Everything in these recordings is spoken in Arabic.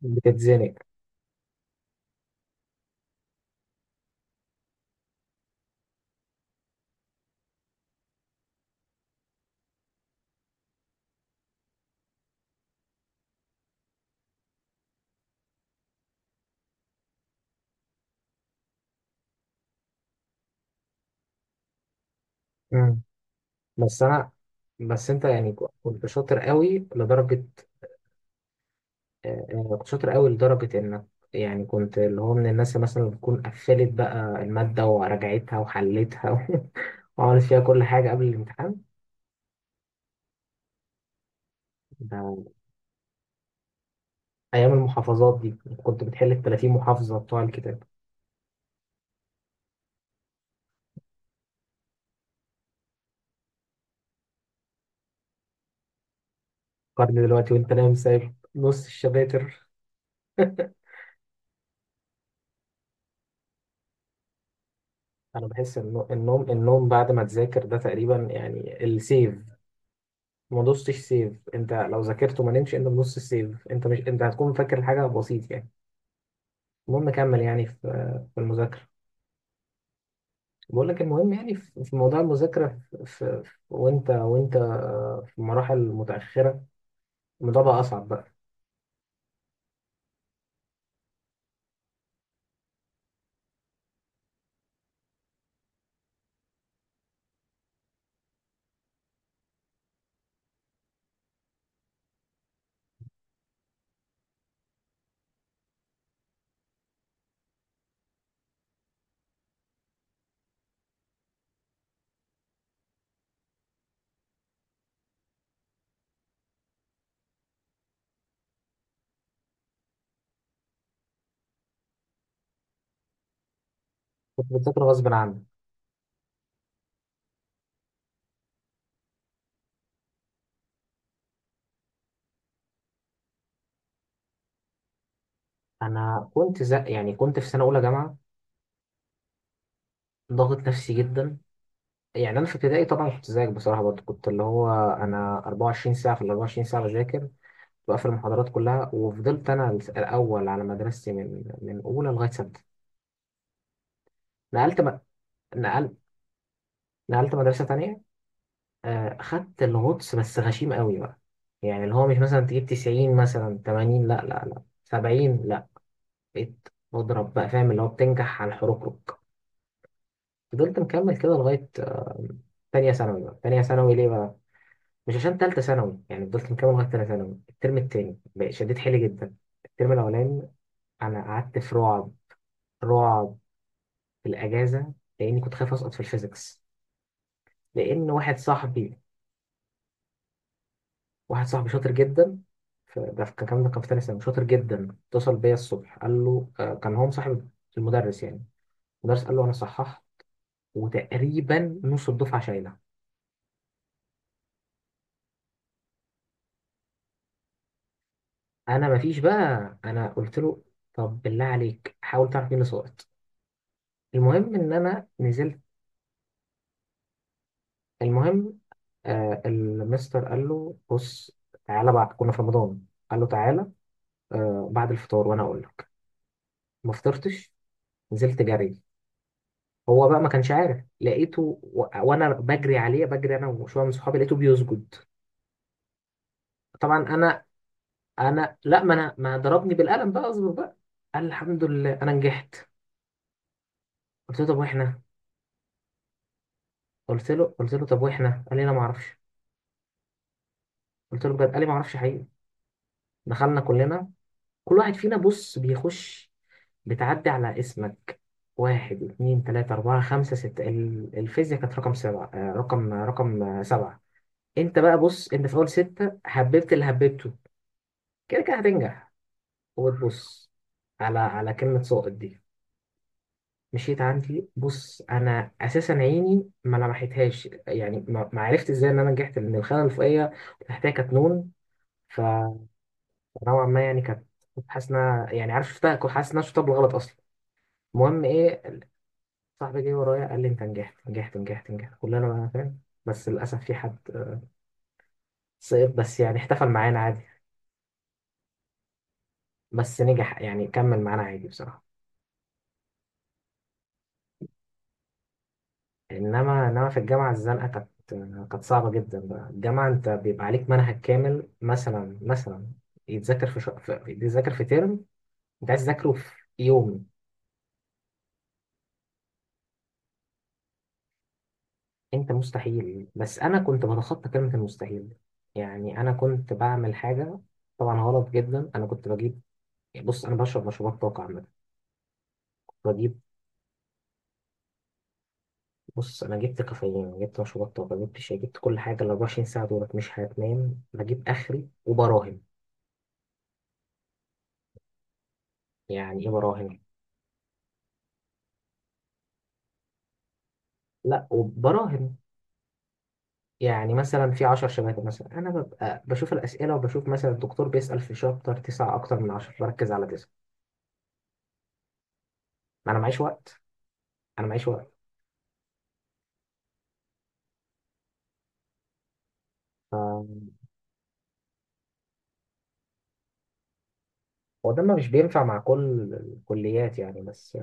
بتتزنق. مم. بس انا بس انت يعني كنت شاطر قوي لدرجه آه، كنت شاطر قوي لدرجه انك، يعني كنت اللي هو من الناس اللي مثلا بتكون قفلت بقى الماده وراجعتها وحلتها وعملت فيها كل حاجه قبل الامتحان. ده ايام المحافظات دي كنت بتحل ال 30 محافظه بتوع الكتاب. قارن دلوقتي وانت نايم سايب نص الشباتر. انا بحس ان النوم بعد ما تذاكر ده تقريبا يعني السيف. ما دوستش سيف، انت لو ذاكرت وما نمشي انت بنص السيف، انت مش، انت هتكون فاكر الحاجه بسيط يعني. المهم كمل يعني في المذاكره. بقول لك المهم يعني في موضوع المذاكره، وانت في مراحل متاخره، الموضوع بقى اصعب بقى. كنت بتذاكر غصب عنك. انا كنت زق يعني، كنت في سنه اولى جامعه، ضاغط نفسي جدا. يعني انا في ابتدائي طبعا كنت زيك بصراحه، برضه كنت اللي هو انا 24 ساعه في ال 24 ساعه بذاكر، بقفل المحاضرات كلها. وفضلت انا الاول على مدرستي من اولى لغايه سته. نقلت م... نقل... نقلت مدرسه تانية. خدت الغطس بس غشيم قوي بقى. يعني اللي هو مش مثلا تجيب 90، مثلا 80، لا لا لا، 70 لا. بقيت بضرب بقى، فاهم اللي هو بتنجح على الحركرك. فضلت مكمل كده لغايه تانية ثانوي. ليه بقى؟ مش عشان تالتة ثانوي. يعني فضلت مكمل لغاية تانية ثانوي. الترم التاني بقى شديت حيلي جدا. الترم الأولاني أنا قعدت في رعب، رعب، في الاجازه، لاني كنت خايف اسقط في الفيزيكس. لان واحد صاحبي شاطر جدا، كان ده كان في تاني سنه شاطر جدا، اتصل بيا الصبح قال له كان هو مصاحب المدرس يعني. المدرس قال له انا صححت، وتقريبا نص الدفعه شايله. انا مفيش بقى، انا قلت له طب بالله عليك حاول تعرف مين اللي سقط. المهم ان انا نزلت. المهم، آه، المستر قال له بص تعالى، بعد، كنا في رمضان، قال له تعالى آه بعد الفطار، وانا اقول لك ما فطرتش، نزلت جري. هو بقى ما كانش عارف، لقيته وانا بجري عليه بجري، انا وشويه من صحابي، لقيته بيسجد. طبعا انا، انا لا، ما انا ما ضربني بالقلم بقى اصبر بقى. قال الحمد لله انا نجحت. قلت له طب واحنا؟ قلت له طب واحنا؟ قال لي انا ما اعرفش. قلت له بجد؟ قال لي ما اعرفش حقيقي. دخلنا كلنا، كل واحد فينا بص بيخش، بتعدي على اسمك، واحد اتنين تلاتة أربعة خمسة ستة، الفيزياء كانت رقم سبعة، رقم رقم سبعة. انت بقى بص، انت في اول ستة حببت اللي حببته، كده كده هتنجح. وتبص على كلمة ساقط دي، مشيت عندي. بص انا اساسا عيني ما لمحتهاش يعني، ما عرفت ازاي ان انا نجحت، لان الخانة الفوقية تحتها كانت نون. فنوعا ما يعني كانت، كنت حاسس انها، يعني عارف شفتها، كنت حاسس ان انا شفتها بالغلط اصلا. المهم ايه، صاحبي جه ورايا قال لي انت نجحت نجحت نجحت نجحت، كلنا بقى فاهم. بس للاسف في حد سقط، بس يعني احتفل معانا عادي، بس نجح يعني كمل معانا عادي بصراحة. انما في الجامعه الزنقه كانت صعبه جدا بقى. الجامعه انت بيبقى عليك منهج كامل مثلا، يتذاكر يتذاكر في ترم، انت عايز تذاكره في يوم. انت مستحيل، بس انا كنت بتخطى كلمه المستحيل. يعني انا كنت بعمل حاجه طبعا غلط جدا. انا كنت بجيب، بص انا بشرب مشروبات طاقه عامه. كنت بجيب، بص انا جبت كافيين، جبت مشروبات طاقه، جبت شاي، جبت كل حاجه. ال 24 ساعه دولت مش هتنام، بجيب اخري وبراهن. يعني ايه براهن؟ لا وبراهن يعني مثلا في 10 شباتر، مثلا انا ببقى بشوف الاسئله، وبشوف مثلا الدكتور بيسال في شابتر 9 اكتر من 10، بركز على 9. ما انا معيش وقت، انا معيش وقت. هو ده، ما مش بينفع مع كل الكليات يعني، بس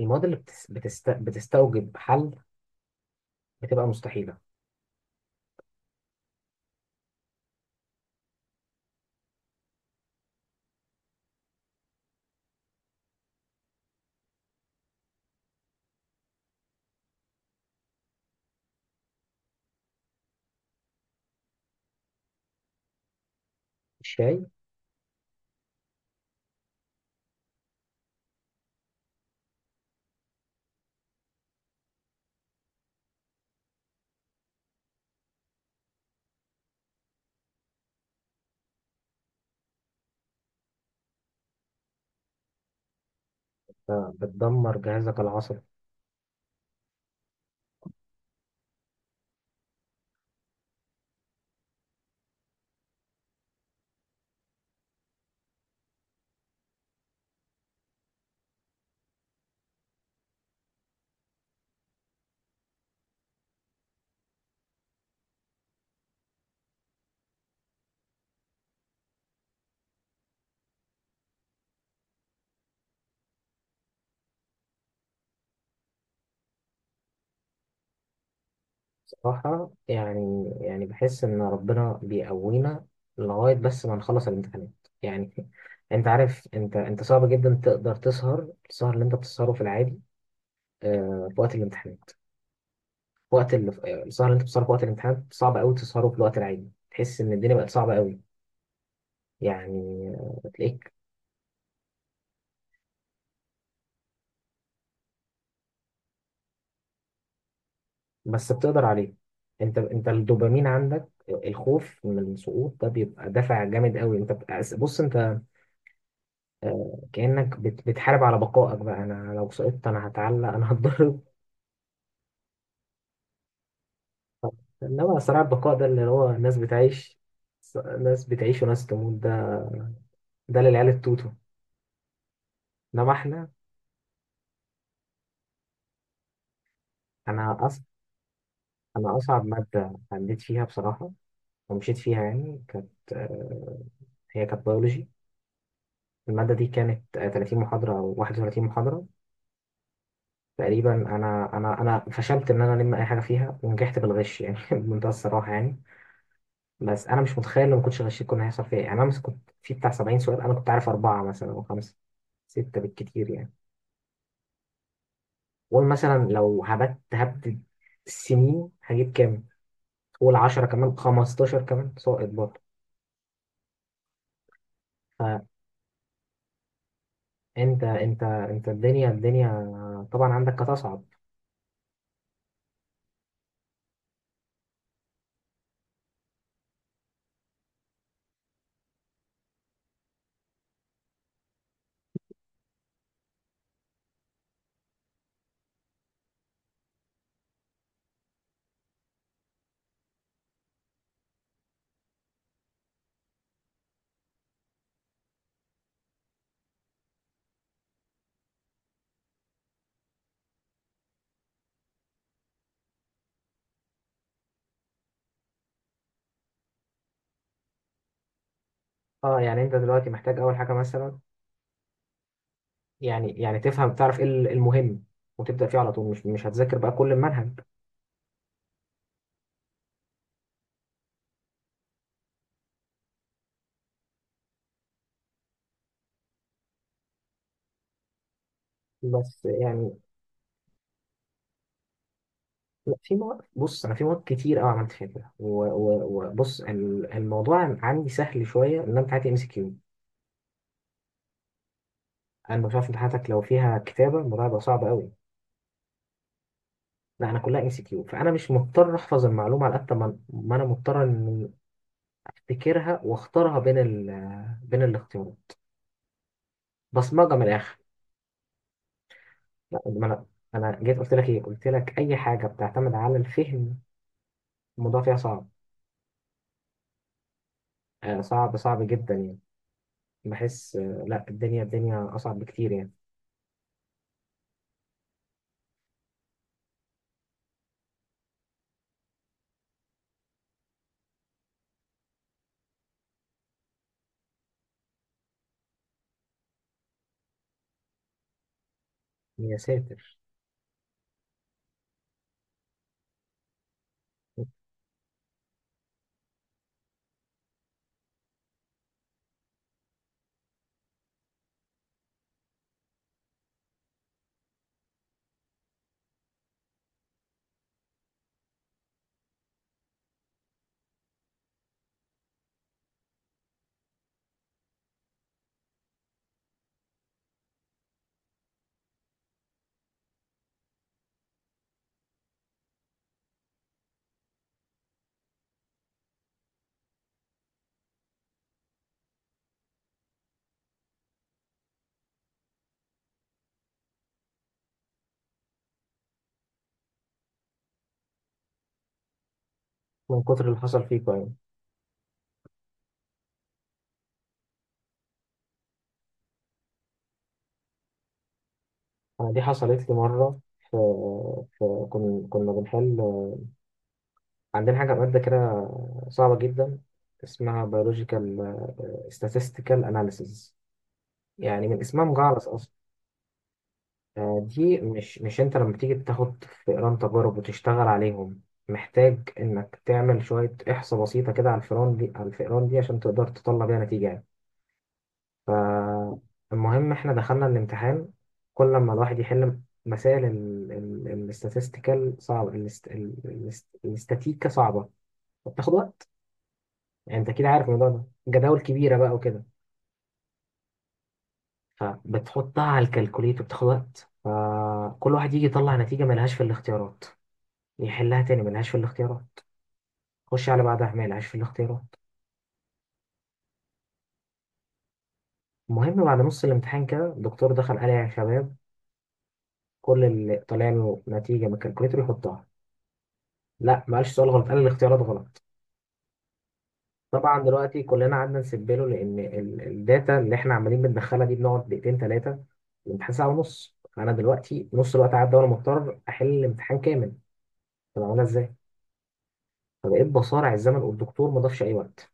المواد اللي بتستوجب حل بتبقى مستحيله. الشاي، آه، بتدمر جهازك العصبي. صراحه يعني، يعني بحس ان ربنا بيقوينا لغايه بس ما نخلص الامتحانات. يعني انت عارف، انت انت صعب جدا تقدر تسهر السهر اللي انت بتسهره في العادي، آه، في وقت الامتحانات. في وقت ال- آه، السهر اللي انت بتسهره في وقت الامتحانات صعب قوي تسهره في الوقت العادي. تحس ان الدنيا بقت صعبه قوي يعني. آه، تلاقيك، بس بتقدر عليه. انت، انت الدوبامين عندك، الخوف من السقوط ده بيبقى دافع جامد قوي. بص انت بتحارب على بقائك بقى. انا لو سقطت انا هتعلق، انا هتضرب. انما صراع البقاء ده اللي هو ناس بتعيش، وناس تموت. ده ده للعيال التوتو، انما احنا. انا، أنا أصعب مادة عديت فيها بصراحة ومشيت فيها يعني، كانت، آه، هي كانت بيولوجي. المادة دي كانت، آه، 30 محاضرة أو 31 محاضرة تقريبا. أنا فشلت إن أنا ألم أي حاجة فيها، ونجحت بالغش يعني بمنتهى الصراحة يعني. بس أنا مش متخيل لو ما كنتش غشيت كنا هيحصل فيها إيه. يعني أنا مثلا كنت في بتاع 70 سؤال، أنا كنت عارف أربعة مثلا أو خمسة، ستة بالكتير يعني. قول مثلا لو هبت سنين، هجيب كام؟ قول 10 كمان، 15 كمان، ساقط برضه. انت الدنيا، طبعا عندك هتصعب. اه يعني انت دلوقتي محتاج اول حاجه مثلا، يعني، تفهم تعرف ايه إيه المهم وتبدا فيه على طول، مش، مش هتذاكر بقى كل المنهج. بس يعني، لا، في مواد، بص انا في مواد كتير قوي عملت فيها كده وبص الموضوع عندي سهل شويه، ان انا بتاعتي ام سي كيو. انا مش عارف امتحاناتك لو فيها كتابه الموضوع هيبقى صعب قوي. لا انا كلها ام سي كيو، فانا مش مضطر احفظ المعلومه على قد ما، انا مضطر ان افتكرها واختارها بين بين الاختيارات. بصمجه من الاخر. لا ما انا، انا جيت قلت لك ايه، قلت لك اي حاجه بتعتمد على الفهم الموضوع فيها صعب. آه، صعب، جدا يعني. بحس آه لا، الدنيا، اصعب بكتير يعني. يا ساتر من كتر اللي حصل فيكم يعني. انا دي حصلت لي مره في، كنا كنا بنحل، آه، عندنا حاجه ماده كده صعبه جدا اسمها biological، آه، statistical analysis. يعني من اسمها مجعلص اصلا. آه، دي مش مش انت لما تيجي تاخد فئران تجارب وتشتغل عليهم، محتاج انك تعمل شوية احصاء بسيطة كده على الفئران دي، عشان تقدر تطلع بيها نتيجة يعني. فالمهم احنا دخلنا الامتحان. كل ما الواحد يحل مسائل الاستاتستيكال صعبة، الاستاتيكا صعبة فبتاخد وقت. يعني انت اكيد عارف الموضوع ده جداول كبيرة بقى وكده. فبتحطها على الكالكوليتر بتاخد وقت، فكل واحد يجي يطلع نتيجة ملهاش في الاختيارات، يحلها تاني ملهاش في الاختيارات، خش على بعدها ملهاش في الاختيارات. المهم بعد نص الامتحان كده الدكتور دخل قال يا شباب، كل اللي طالع له نتيجة من الكالكوليتر يحطها. لا ما قالش سؤال غلط، قال الاختيارات غلط. طبعا دلوقتي كلنا قعدنا نسيب له، لان الداتا اللي احنا عمالين بندخلها دي بنقعد دقيقتين ثلاثة. الامتحان ساعة ونص، فانا دلوقتي نص الوقت عدى، وانا مضطر احل الامتحان كامل. طب عملها ازاي؟ فبقيت بصارع الزمن، والدكتور ما ضافش اي وقت.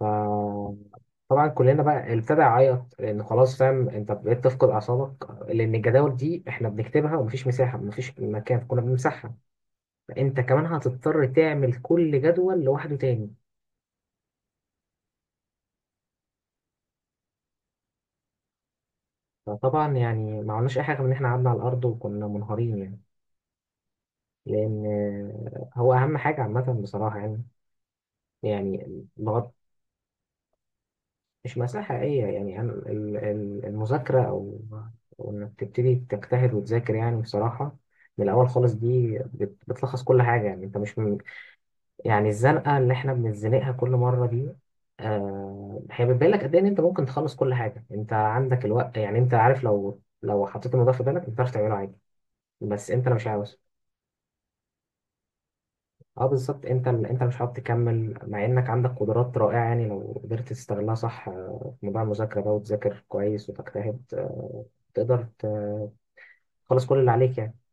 فطبعا كلنا بقى ابتدى يعيط، لان خلاص، فاهم انت بقيت تفقد اعصابك، لان الجداول دي احنا بنكتبها ومفيش مساحه، مفيش مكان، كنا بنمسحها، فانت كمان هتضطر تعمل كل جدول لوحده تاني. فطبعا يعني ما عملناش اي حاجه من ان احنا قعدنا على الارض وكنا منهارين يعني. لان هو اهم حاجه عامه بصراحه يعني، يعني لغايه، مش مأساة حقيقية يعني. أنا المذاكرة أو إنك تبتدي تجتهد وتذاكر يعني بصراحة من الأول خالص دي بتلخص كل حاجة. يعني أنت مش من، يعني الزنقة اللي إحنا بنتزنقها كل مرة دي، آه، هي بتبين لك قد إيه إن أنت ممكن تخلص كل حاجة، أنت عندك الوقت يعني. أنت عارف لو، حطيت الموضوع في بالك أنت تعرف تعمله عادي، بس أنت لو مش عاوز. اه بالظبط، انت، مش عارف تكمل مع انك عندك قدرات رائعه يعني، لو قدرت تستغلها صح، آه، في موضوع المذاكره بقى، وتذاكر كويس وتجتهد، آه، تقدر تخلص كل اللي عليك يعني.